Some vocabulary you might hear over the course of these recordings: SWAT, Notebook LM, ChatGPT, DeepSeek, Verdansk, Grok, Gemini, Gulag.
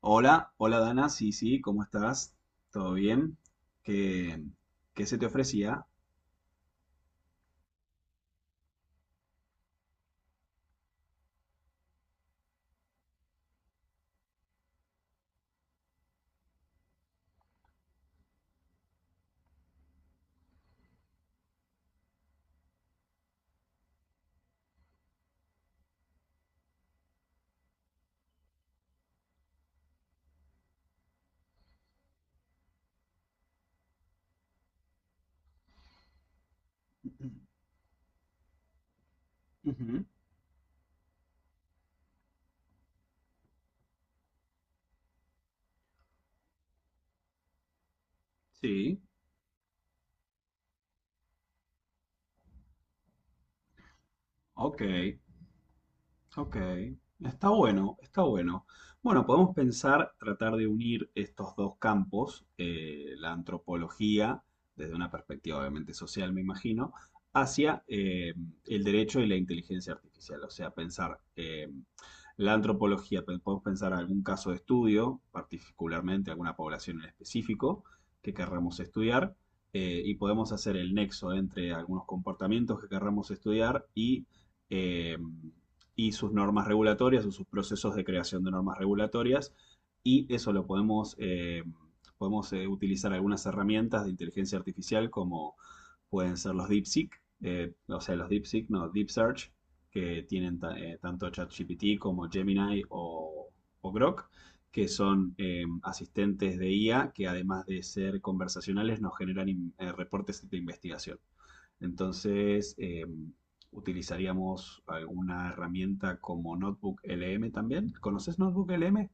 Hola, hola Dana, sí, sí, ¿cómo estás? ¿Todo bien? ¿Qué, qué se te ofrecía? Ujú, sí, ok, ok. Está bueno, está bueno. Bueno, podemos pensar, tratar de unir estos dos campos, la antropología, desde una perspectiva obviamente social, me imagino, hacia el derecho y la inteligencia artificial. O sea, pensar, la antropología, pues, podemos pensar algún caso de estudio, particularmente alguna población en específico que querramos estudiar, y podemos hacer el nexo entre algunos comportamientos que querramos estudiar y, eh, y sus normas regulatorias o sus procesos de creación de normas regulatorias, y eso lo podemos, utilizar algunas herramientas de inteligencia artificial como pueden ser los DeepSeek, o sea, los DeepSeek, no, Deep Search, que tanto ChatGPT como Gemini o Grok, que son asistentes de IA que además de ser conversacionales nos generan reportes de investigación. Entonces, utilizaríamos alguna herramienta como Notebook LM también. ¿Conoces Notebook LM?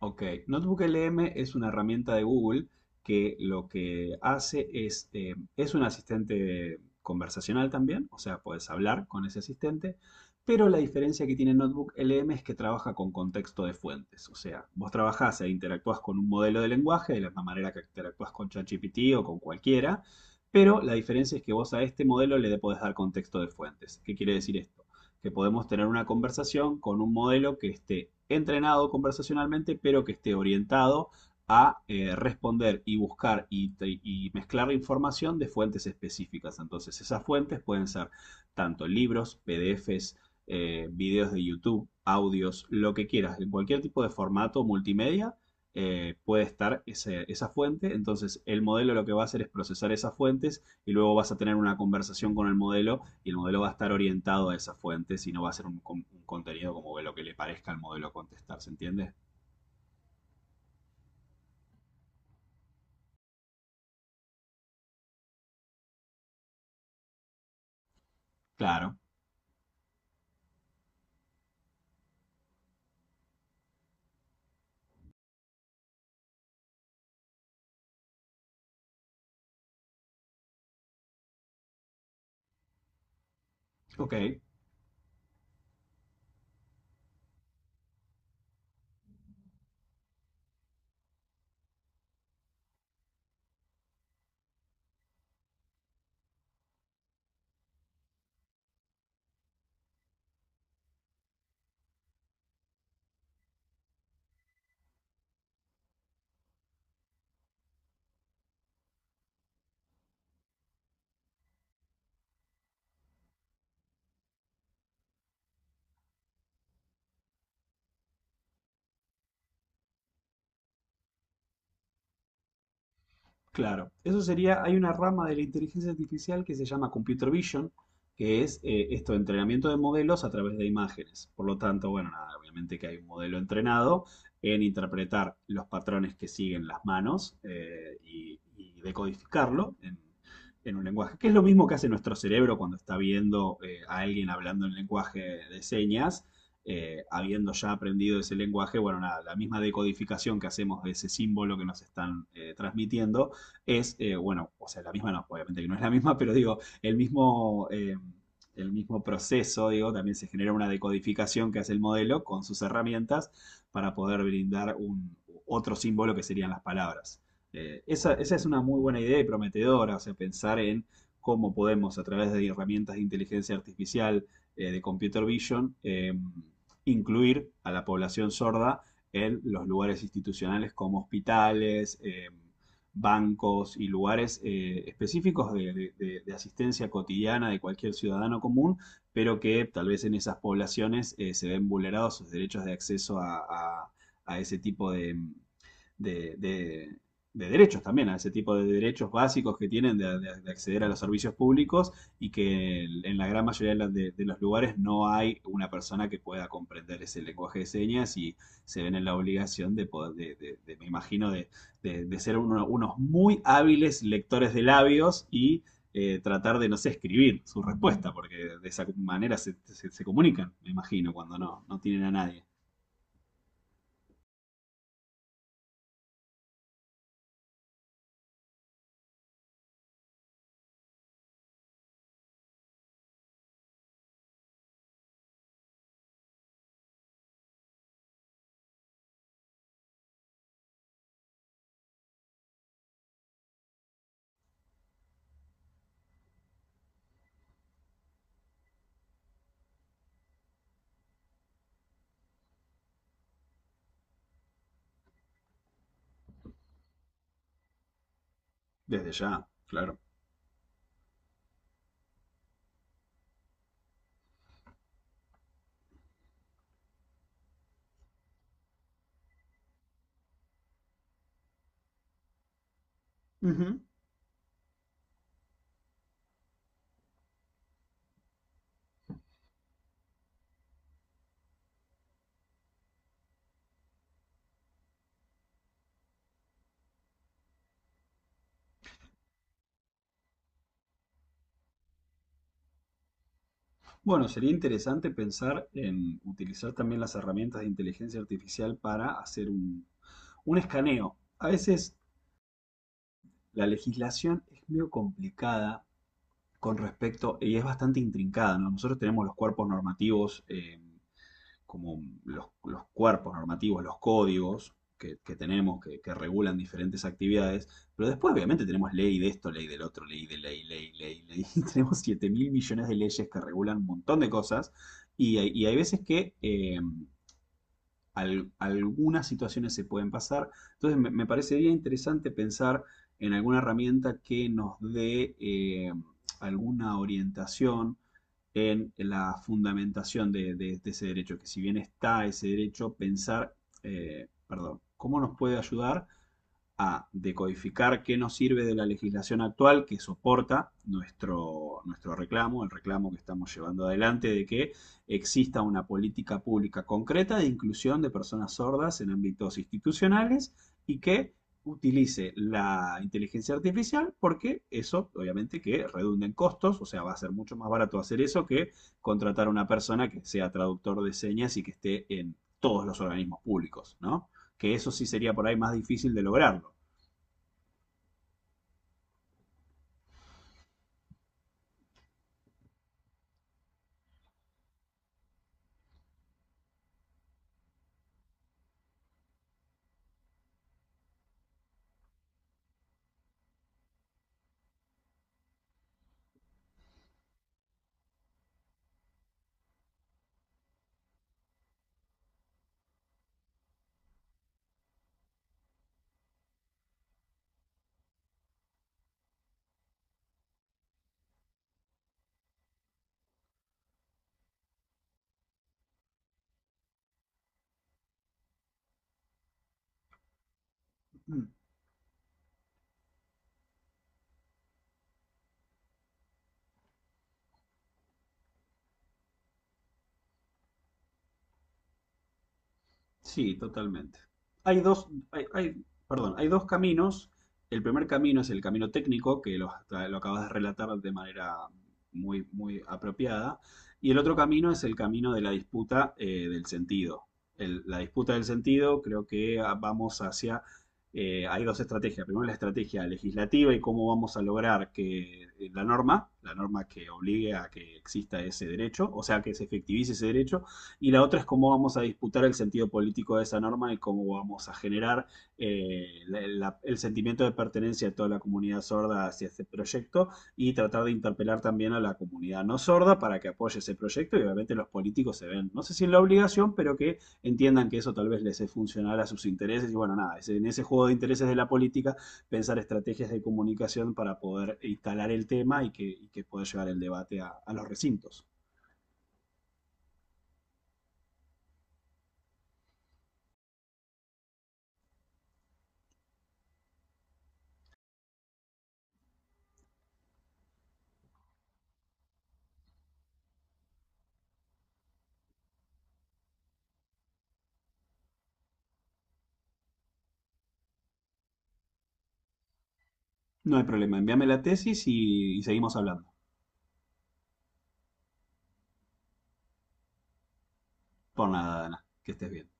Ok, Notebook LM es una herramienta de Google que lo que hace es un asistente conversacional también, o sea, puedes hablar con ese asistente, pero la diferencia que tiene Notebook LM es que trabaja con contexto de fuentes, o sea, vos trabajás e interactuás con un modelo de lenguaje de la misma manera que interactuás con ChatGPT o con cualquiera, pero la diferencia es que vos a este modelo le podés dar contexto de fuentes. ¿Qué quiere decir esto? Que podemos tener una conversación con un modelo que esté entrenado conversacionalmente, pero que esté orientado a responder y buscar y mezclar información de fuentes específicas. Entonces, esas fuentes pueden ser tanto libros, PDFs, videos de YouTube, audios, lo que quieras, en cualquier tipo de formato multimedia. Puede estar esa fuente, entonces el modelo lo que va a hacer es procesar esas fuentes y luego vas a tener una conversación con el modelo y el modelo va a estar orientado a esa fuente, si no va a ser un contenido como que lo que le parezca al modelo contestar, ¿se entiende? Claro, ok. Claro, eso sería, hay una rama de la inteligencia artificial que se llama computer vision, que es esto, entrenamiento de modelos a través de imágenes. Por lo tanto, bueno, nada, obviamente que hay un modelo entrenado en interpretar los patrones que siguen las manos eh, y decodificarlo en un lenguaje, que es lo mismo que hace nuestro cerebro cuando está viendo a alguien hablando en lenguaje de señas, habiendo ya aprendido ese lenguaje, bueno, nada, la misma decodificación que hacemos de ese símbolo que nos están transmitiendo, es, bueno, o sea, la misma no, obviamente que no es la misma, pero digo, el mismo proceso, digo, también se genera una decodificación que hace el modelo con sus herramientas para poder brindar otro símbolo que serían las palabras. Esa es una muy buena idea y prometedora, o sea, pensar en cómo podemos a través de herramientas de inteligencia artificial, de computer vision, incluir a la población sorda en los lugares institucionales como hospitales, bancos y lugares específicos de asistencia cotidiana de cualquier ciudadano común, pero que tal vez en esas poblaciones se ven vulnerados sus derechos de acceso a- a ese tipo de- de- de derechos también, a ese tipo de derechos básicos que tienen de acceder a los servicios públicos y que en la gran mayoría de los lugares no hay una persona que pueda comprender ese lenguaje de señas y se ven en la obligación de poder, me imagino, de ser unos muy hábiles lectores de labios y tratar de, no sé, escribir su respuesta, porque de esa manera se comunican, me imagino, cuando no tienen a nadie. Desde ya, claro. Ujú. Bueno, sería interesante pensar en utilizar también las herramientas de inteligencia artificial para hacer un escaneo. A veces la legislación es medio complicada con respecto, y es bastante intrincada, ¿no? Nosotros tenemos los cuerpos normativos eh, como los cuerpos normativos, los códigos que tenemos, que regulan diferentes actividades, pero después obviamente tenemos ley de esto, ley del otro, ley de ley, ley, ley, ley. Y tenemos 7 mil millones de leyes que regulan un montón de cosas y hay veces que algunas situaciones se pueden pasar. Entonces me parecería interesante pensar en alguna herramienta que nos dé alguna orientación en la fundamentación de ese derecho, que si bien está ese derecho, pensar, perdón, cómo nos puede ayudar a decodificar qué nos sirve de la legislación actual que soporta nuestro reclamo, el reclamo que estamos llevando adelante de que exista una política pública concreta de inclusión de personas sordas en ámbitos institucionales y que utilice la inteligencia artificial porque eso obviamente que redunda en costos, o sea, va a ser mucho más barato hacer eso que contratar a una persona que sea traductor de señas y que esté en todos los organismos públicos, ¿no? Que eso sí sería por ahí más difícil de lograrlo. Sí, totalmente. Hay dos, hay- Perdón, hay dos caminos. El primer camino es el camino técnico, que lo acabas de relatar de manera muy, muy apropiada. Y el otro camino es el camino de la disputa del sentido. La disputa del sentido, creo que ah, vamos hacia... hay dos estrategias. Primero la estrategia legislativa y cómo vamos a lograr que la norma que obligue a que exista ese derecho, o sea, que se efectivice ese derecho y la otra es cómo vamos a disputar el sentido político de esa norma y cómo vamos a generar el sentimiento de pertenencia de toda la comunidad sorda hacia este proyecto y tratar de interpelar también a la comunidad no sorda para que apoye ese proyecto y obviamente los políticos se ven, no sé si en la obligación, pero que entiendan que eso tal vez les es funcional a sus intereses y bueno, nada, es en ese juego de intereses de la política pensar estrategias de comunicación para poder instalar el tema y que poder llevar el debate a los recintos. No hay problema, envíame la tesis y seguimos hablando. Por nada, Dana, que estés bien.